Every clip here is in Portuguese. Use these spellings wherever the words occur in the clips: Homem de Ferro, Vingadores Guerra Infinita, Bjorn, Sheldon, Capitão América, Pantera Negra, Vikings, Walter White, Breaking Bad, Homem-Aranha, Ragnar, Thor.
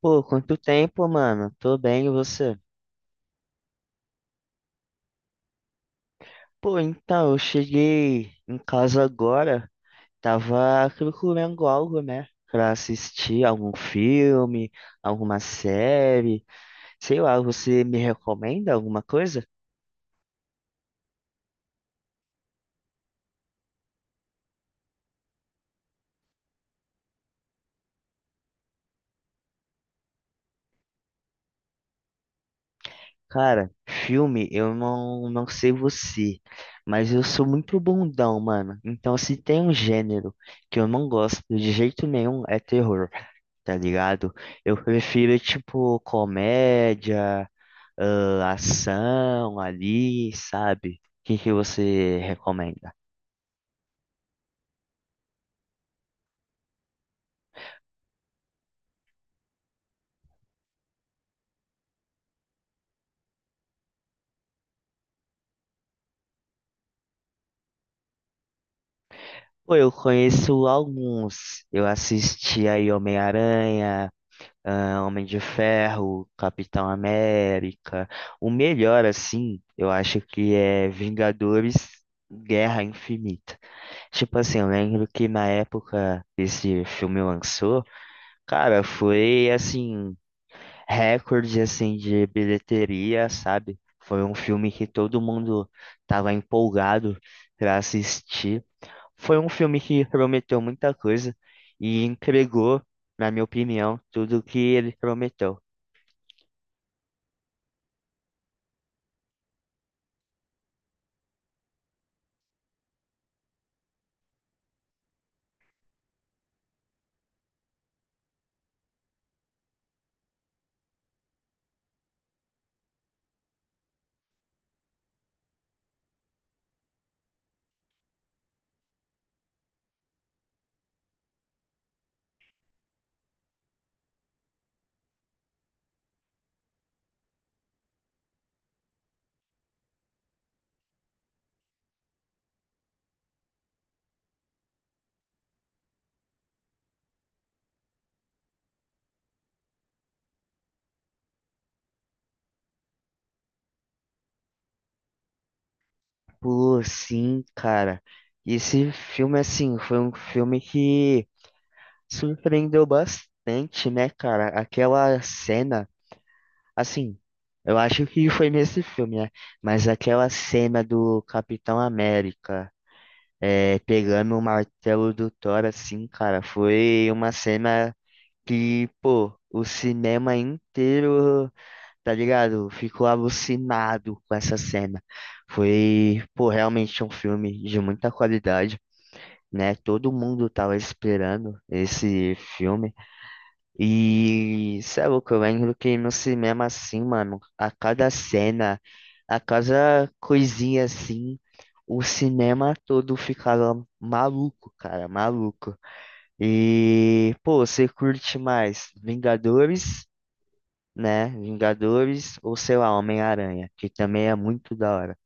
Pô, quanto tempo, mano? Tô bem, e você? Pô, então, eu cheguei em casa agora, tava procurando algo, né? Pra assistir algum filme, alguma série, sei lá, você me recomenda alguma coisa? Cara, filme, eu não sei você, mas eu sou muito bundão, mano. Então, se tem um gênero que eu não gosto de jeito nenhum, é terror, tá ligado? Eu prefiro, tipo, comédia. Ah, ação ali, sabe? O que que você recomenda? Pô, eu conheço alguns. Eu assisti aí Homem-Aranha, ah, Homem de Ferro, Capitão América. O melhor, assim, eu acho que é Vingadores Guerra Infinita. Tipo assim, eu lembro que na época que esse filme lançou, cara, foi assim. Recorde assim de bilheteria, sabe? Foi um filme que todo mundo tava empolgado para assistir. Foi um filme que prometeu muita coisa e entregou, na minha opinião, tudo o que ele prometeu. Pô, sim, cara. Esse filme assim foi um filme que surpreendeu bastante, né, cara? Aquela cena, assim, eu acho que foi nesse filme, né? Mas aquela cena do Capitão América é, pegando o martelo do Thor, assim, cara, foi uma cena que, pô, o cinema inteiro, tá ligado? Ficou alucinado com essa cena. Foi, pô, realmente um filme de muita qualidade, né? Todo mundo tava esperando esse filme. E, sabe o que eu lembro que no cinema, assim, mano, a cada cena. A cada coisinha assim, o cinema todo ficava maluco, cara, maluco. E, pô, você curte mais Vingadores, né? Vingadores ou sei lá, Homem-Aranha, que também é muito da hora.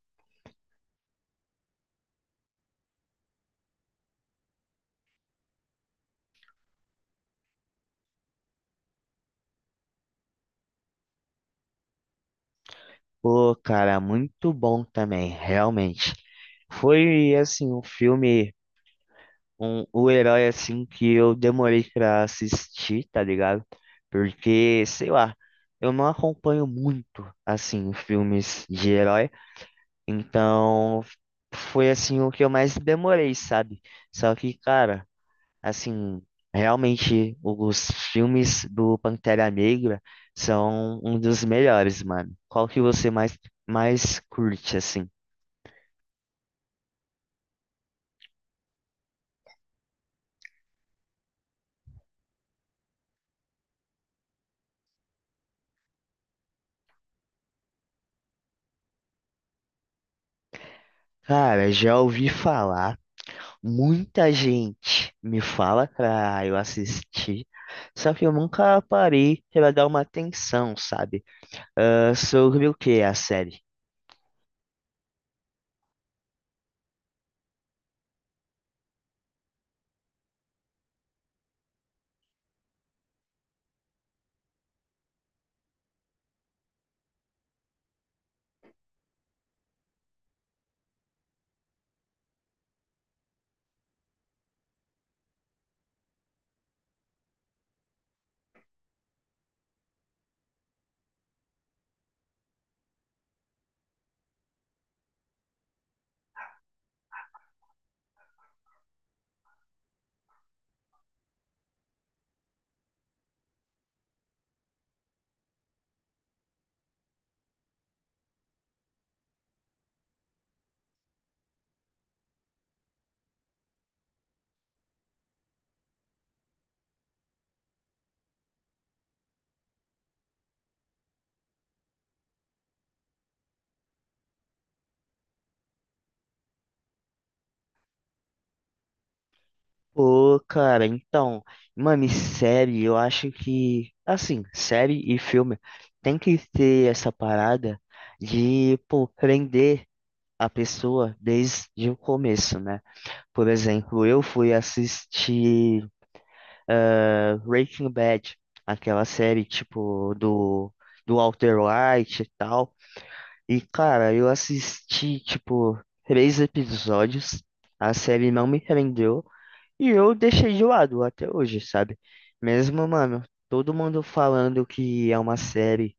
Pô, cara, muito bom também, realmente. Foi assim um filme um, o herói assim que eu demorei pra assistir, tá ligado? Porque, sei lá, eu não acompanho muito assim filmes de herói, então foi assim o que eu mais demorei, sabe? Só que, cara, assim, realmente os filmes do Pantera Negra são um dos melhores, mano. Qual que você mais curte assim? Cara, já ouvi falar. Muita gente me fala pra eu assistir, só que eu nunca parei pra dar uma atenção, sabe? Ah, sobre o que é a série? Pô, cara, então, mano, e série, eu acho que, assim, série e filme tem que ter essa parada de, pô, prender a pessoa desde o começo, né? Por exemplo, eu fui assistir. Ah, Breaking Bad, aquela série tipo do Walter White e tal. E cara, eu assisti tipo três episódios, a série não me prendeu e eu deixei de lado até hoje, sabe? Mesmo, mano, todo mundo falando que é uma série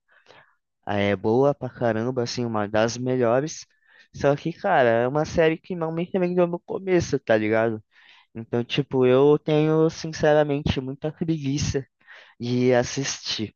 ah, é boa pra caramba, assim, uma das melhores. Só que, cara, é uma série que não me prendeu no começo, tá ligado? Então, tipo, eu tenho, sinceramente, muita preguiça e assistir.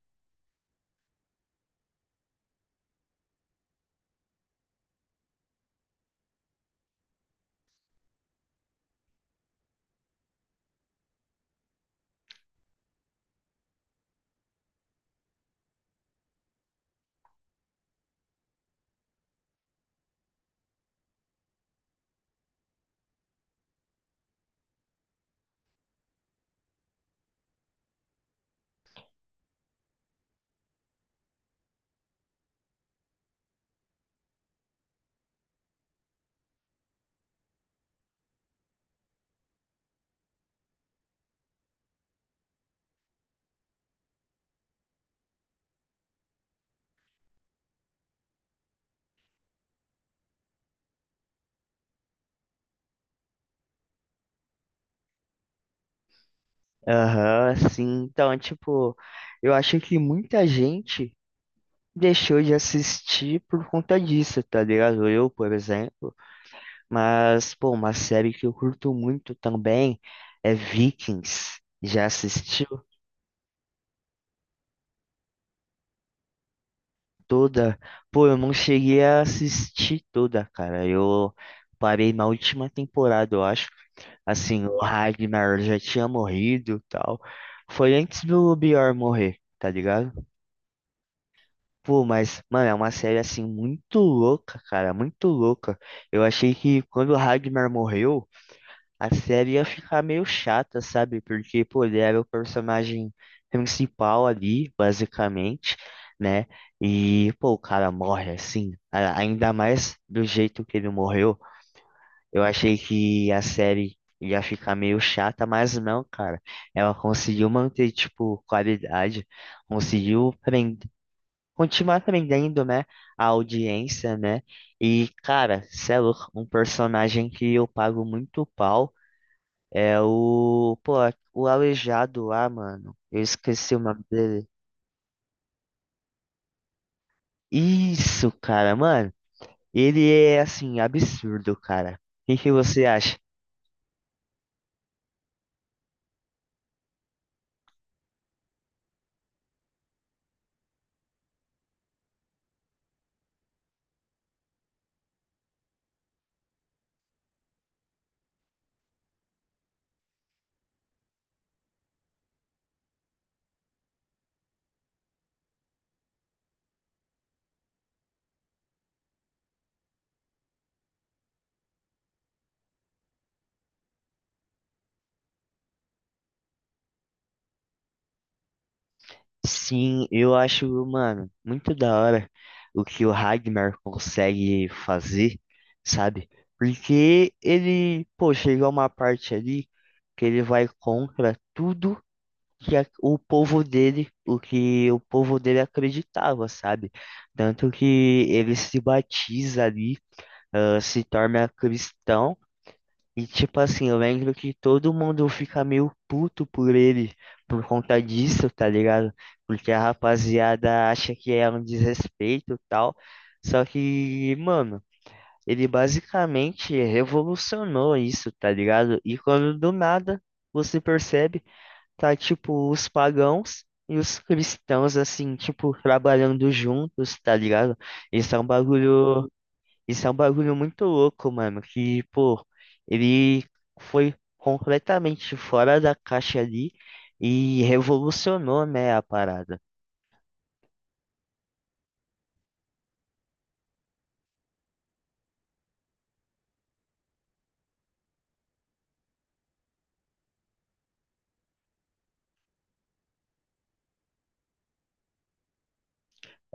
Aham, sim, então, é, tipo, eu acho que muita gente deixou de assistir por conta disso, tá ligado? Eu, por exemplo. Mas, pô, uma série que eu curto muito também é Vikings. Já assistiu toda? Pô, eu não cheguei a assistir toda, cara. Eu parei na última temporada, eu acho. Assim, o Ragnar já tinha morrido e tal. Foi antes do Bjorn morrer, tá ligado? Pô, mas, mano, é uma série assim muito louca, cara, muito louca. Eu achei que quando o Ragnar morreu, a série ia ficar meio chata, sabe? Porque, pô, ele era o personagem principal ali, basicamente, né? E, pô, o cara morre assim, ainda mais do jeito que ele morreu. Eu achei que a série ia ficar meio chata, mas não, cara. Ela conseguiu manter, tipo, qualidade, conseguiu continuar também dando, né, a audiência, né? E, cara, cê é louco, um personagem que eu pago muito pau é o, pô, o Aleijado lá, mano. Eu esqueci o nome dele. Isso, cara, mano. Ele é, assim, absurdo, cara. O que que você acha? Sim, eu acho, mano, muito da hora o que o Ragnar consegue fazer, sabe? Porque ele, pô, chega uma parte ali que ele vai contra tudo que o povo dele, o que o povo dele acreditava, sabe? Tanto que ele se batiza ali, ah, se torna cristão. E tipo assim, eu lembro que todo mundo fica meio puto por ele por conta disso, tá ligado? Porque a rapaziada acha que é um desrespeito e tal. Só que, mano, ele basicamente revolucionou isso, tá ligado? E quando do nada você percebe, tá tipo os pagãos e os cristãos assim, tipo, trabalhando juntos, tá ligado? Isso é um bagulho isso é um bagulho muito louco, mano. Que, pô, ele foi completamente fora da caixa ali e revolucionou, né, a parada.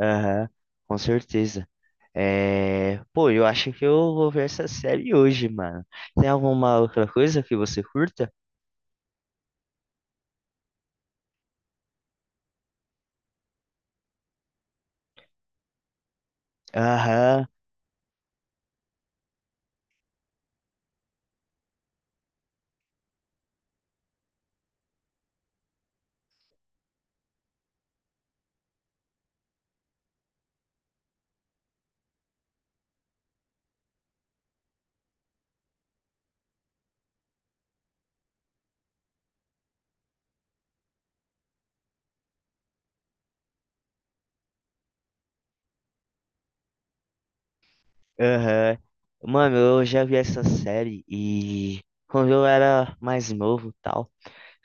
Aham, com certeza. É... Pô, eu acho que eu vou ver essa série hoje, mano. Tem alguma outra coisa que você curta? Aham, aham. Mano, eu já vi essa série e quando eu era mais novo e tal.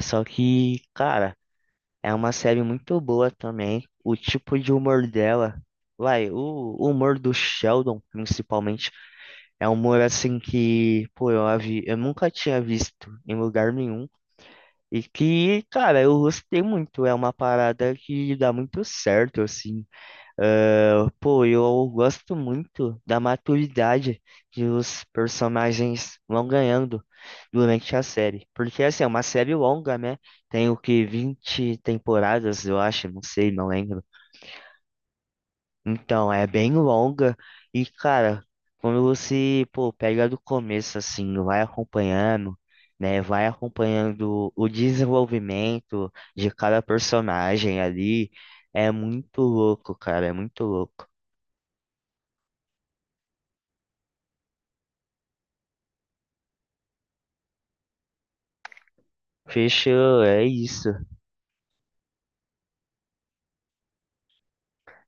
Só que, cara. É uma série muito boa também. O tipo de humor dela, vai, o humor do Sheldon, principalmente, é um humor assim que, pô, eu, eu nunca tinha visto em lugar nenhum. E que, cara, eu gostei muito. É uma parada que dá muito certo, assim. Ah, pô, eu gosto muito da maturidade que os personagens vão ganhando durante a série. Porque, assim, é uma série longa, né? Tem o que, 20 temporadas, eu acho, não sei, não lembro. Então, é bem longa. E, cara, quando você, pô, pega do começo, assim, vai acompanhando, né? Vai acompanhando o desenvolvimento de cada personagem ali. É muito louco, cara, é muito louco. Fechou, é isso.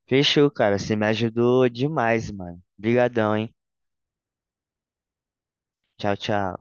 Fechou, cara. Você me ajudou demais, mano. Obrigadão, hein? Tchau, tchau.